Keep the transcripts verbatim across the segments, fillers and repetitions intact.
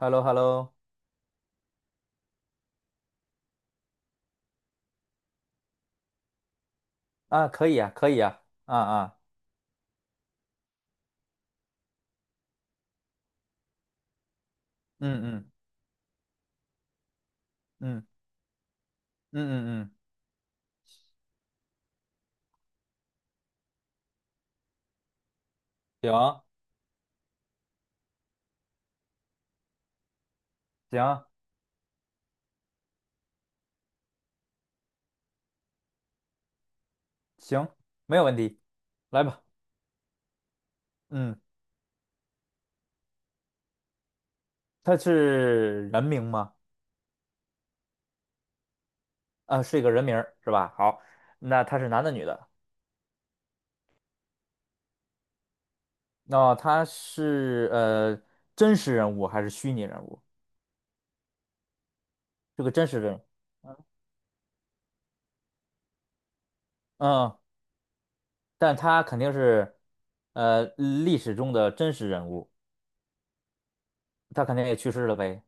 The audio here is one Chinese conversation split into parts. h e l l o h e l l o 啊，可以啊，可以啊，啊啊，嗯嗯嗯嗯嗯嗯，行行行，没有问题，来吧，嗯，他是人名吗？啊，是一个人名儿是吧？好，那他是男的女的？那、他是呃真实人物还是虚拟人物？是个真实人物，嗯，但他肯定是呃历史中的真实人物，他肯定也去世了呗，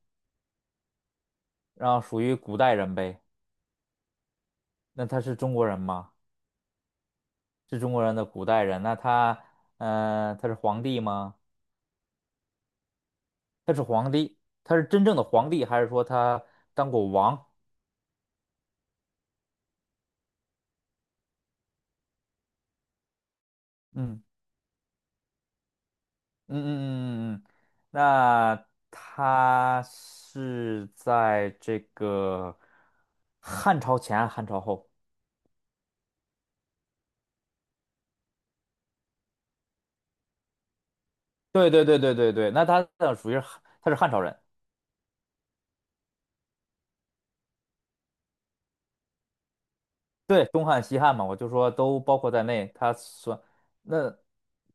然后属于古代人呗，那他是中国人吗？是中国人的古代人，那他，呃，他是皇帝吗？他是皇帝，他是真正的皇帝，还是说他当过王？嗯嗯嗯嗯嗯，嗯那他是在这个汉朝前，汉朝后？对对对对对对，那他属于是汉他是汉朝人，对，东汉、西汉嘛，我就说都包括在内，他算那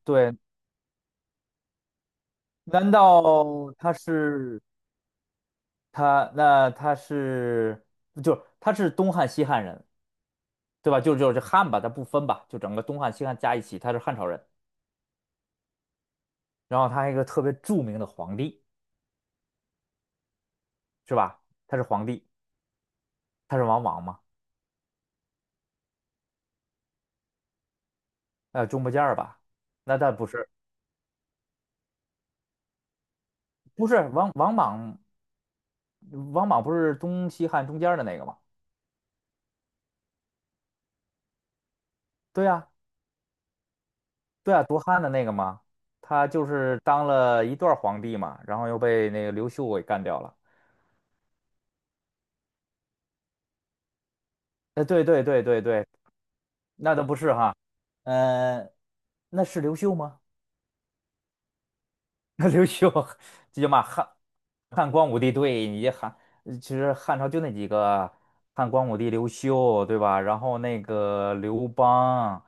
对，难道他是？他那他是就是他是东汉西汉人，对吧？就就是这汉吧，他不分吧，就整个东汉西汉加一起，他是汉朝人。然后他还有一个特别著名的皇帝，是吧？他是皇帝，他是王莽嘛？呃，中不间儿吧？那他不是，不是王王莽，王莽不是东西汉中间儿的那个吗？对呀、对呀、夺汉的那个吗？他就是当了一段儿皇帝嘛，然后又被那个刘秀给干掉了。哎，对对对对对，那都不是哈，呃，那是刘秀吗？那刘秀，这叫嘛汉汉光武帝，对，你这汉，呃其实汉朝就那几个，汉光武帝刘秀，对吧？然后那个刘邦，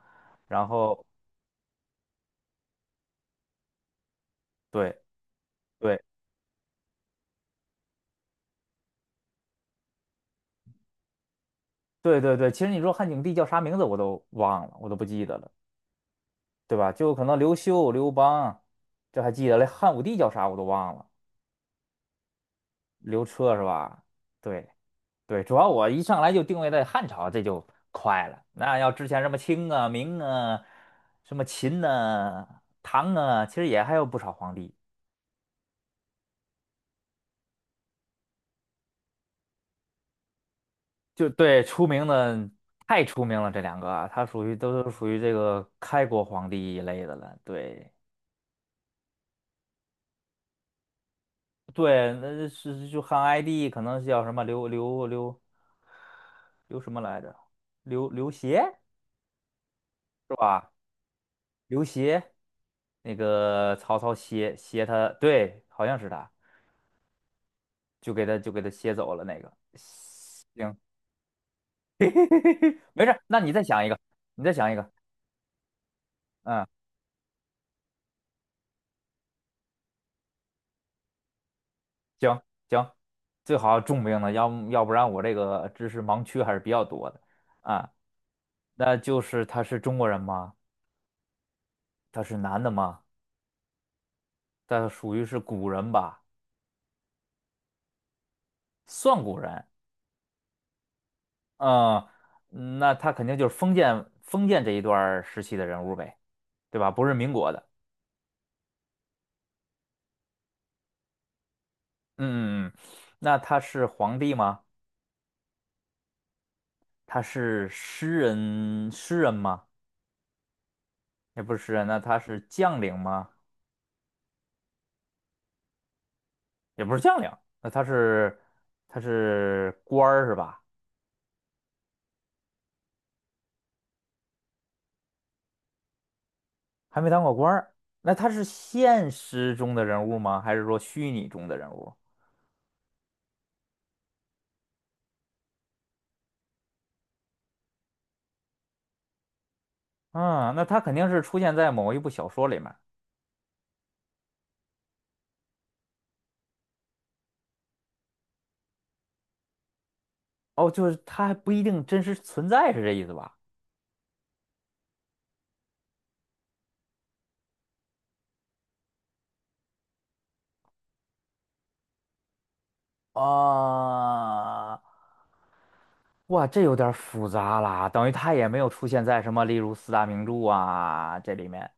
然后对对对对对，其实你说汉景帝叫啥名字我都忘了，我都不记得了，对吧？就可能刘秀、刘邦，这还记得嘞，汉武帝叫啥我都忘了，刘彻是吧？对。对，主要我一上来就定位在汉朝，这就快了。那要之前什么清啊、明啊、什么秦呐、唐啊，其实也还有不少皇帝。就对，出名的太出名了，这两个啊他属于都是属于这个开国皇帝一类的了。对对，那是就汉哀帝，可能叫什么刘刘刘刘什么来着？刘刘协，刘协，那个曹操协协他，对，好像是他。就给他就给他歇走了那个。行，没事儿，那你再想一个，你再想一个，嗯，行行，最好重病的，要要不然我这个知识盲区还是比较多的啊。那就是他是中国人吗？他是男的吗？他属于是古人吧？算古人，嗯，那他肯定就是封建封建这一段儿时期的人物呗，对吧？不是民国的，嗯嗯嗯，那他是皇帝吗？他是诗人，诗人吗？也不是诗人，那他是将领吗？也不是将领，那他是他是官儿是吧？还没当过官儿，那他是现实中的人物吗？还是说虚拟中的人物？嗯，那他肯定是出现在某一部小说里面。哦，就是他还不一定真实存在，是这意思吧？啊，哇，这有点儿复杂啦，等于他也没有出现在什么，例如四大名著啊这里面。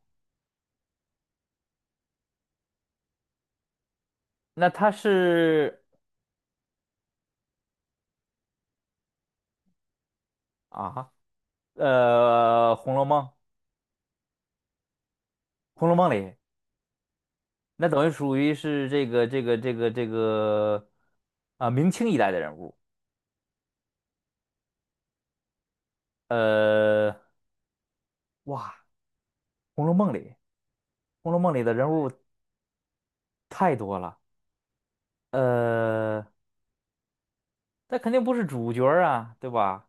那他是啊，呃，《红楼梦》，《红楼梦》，《里，那等于属于是这个这个这个这个啊，明清一代的人物。呃，哇，《红楼梦》里，《红楼梦》里的人物太多了。呃，他肯定不是主角儿啊，对吧？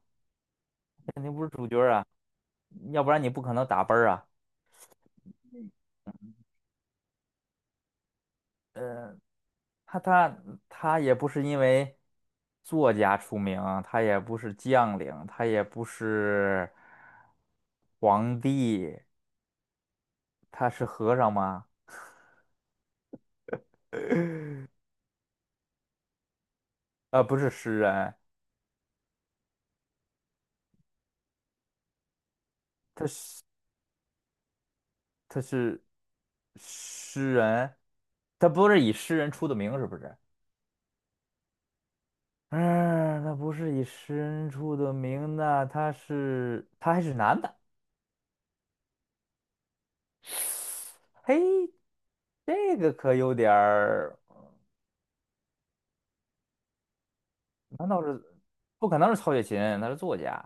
肯定不是主角儿啊，要不然你不可能打奔儿啊。呃，他他他也不是因为作家出名，他也不是将领，他也不是皇帝。他是和尚吗？呃，不是诗人，他是他是诗人，他不是以诗人出的名，是不是？嗯，他不是以诗人出的名那他是他还是男的，嘿，这个可有点儿，难道是不可能是曹雪芹？他是作家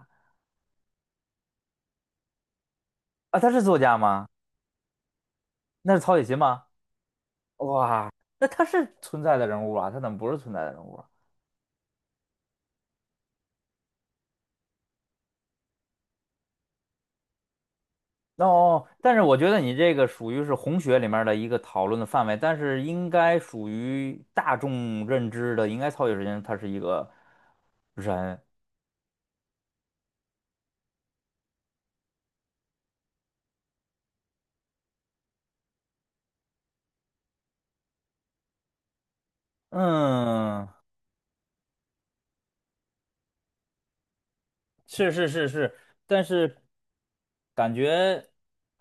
啊，他是作家吗？那是曹雪芹吗？哇，那他是存在的人物啊，他怎么不是存在的人物啊？哦，哦但是我觉得你这个属于是红学里面儿的一个讨论的范围，但是应该属于大众认知的，应该曹雪芹他是一个人，嗯，是是是是，但是感觉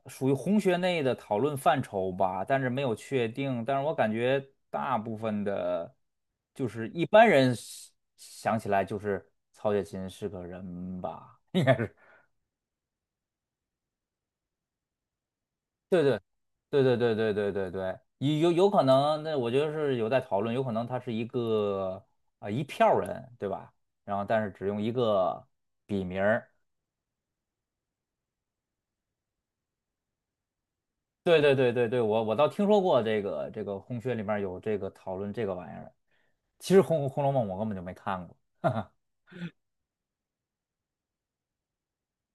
属于红学内的讨论范畴吧，但是没有确定，但是我感觉大部分的，就是一般人想起来就是曹雪芹是个人吧，应该是。对对对对对对对对对，有有有可能，那我觉得是有在讨论，有可能他是一个啊、呃一票人，对吧？然后但是只用一个笔名儿。对对对对对，我我倒听说过这个这个红学里面有这个讨论这个玩意儿。其实红《红楼梦》我根本就没看过，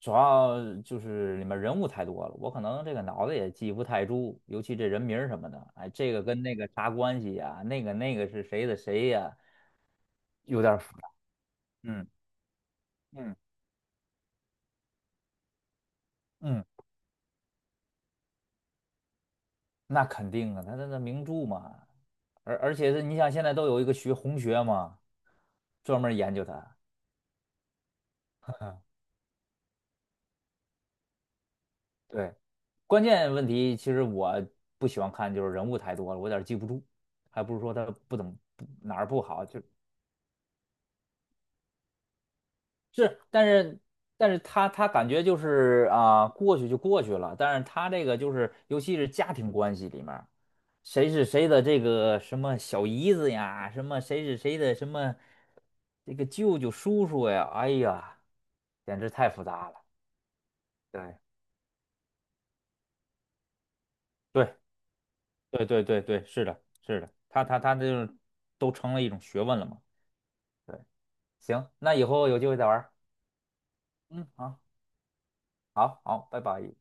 主要就是里面人物太多了，我可能这个脑子也记不太住，尤其这人名儿什么的，哎，这个跟那个啥关系呀、那个那个是谁的谁呀、有点儿复杂。嗯嗯嗯。那肯定啊，它那那名著嘛，而而且是你想现在都有一个学红学嘛，专门研究它 对，关键问题其实我不喜欢看，就是人物太多了，我有点记不住，还不是说他不怎么不哪儿不好，就是但是但是他他感觉就是啊、过去就过去了，但是他这个就是尤其是家庭关系里面。谁是谁的这个什么小姨子呀，什么谁是谁的什么这个舅舅叔叔呀，哎呀，简直太复杂了。对，对对对对对，是的，是的，他他他就是都成了一种学问了嘛。对，行，那以后有机会再玩儿，嗯，好，好，好，拜拜。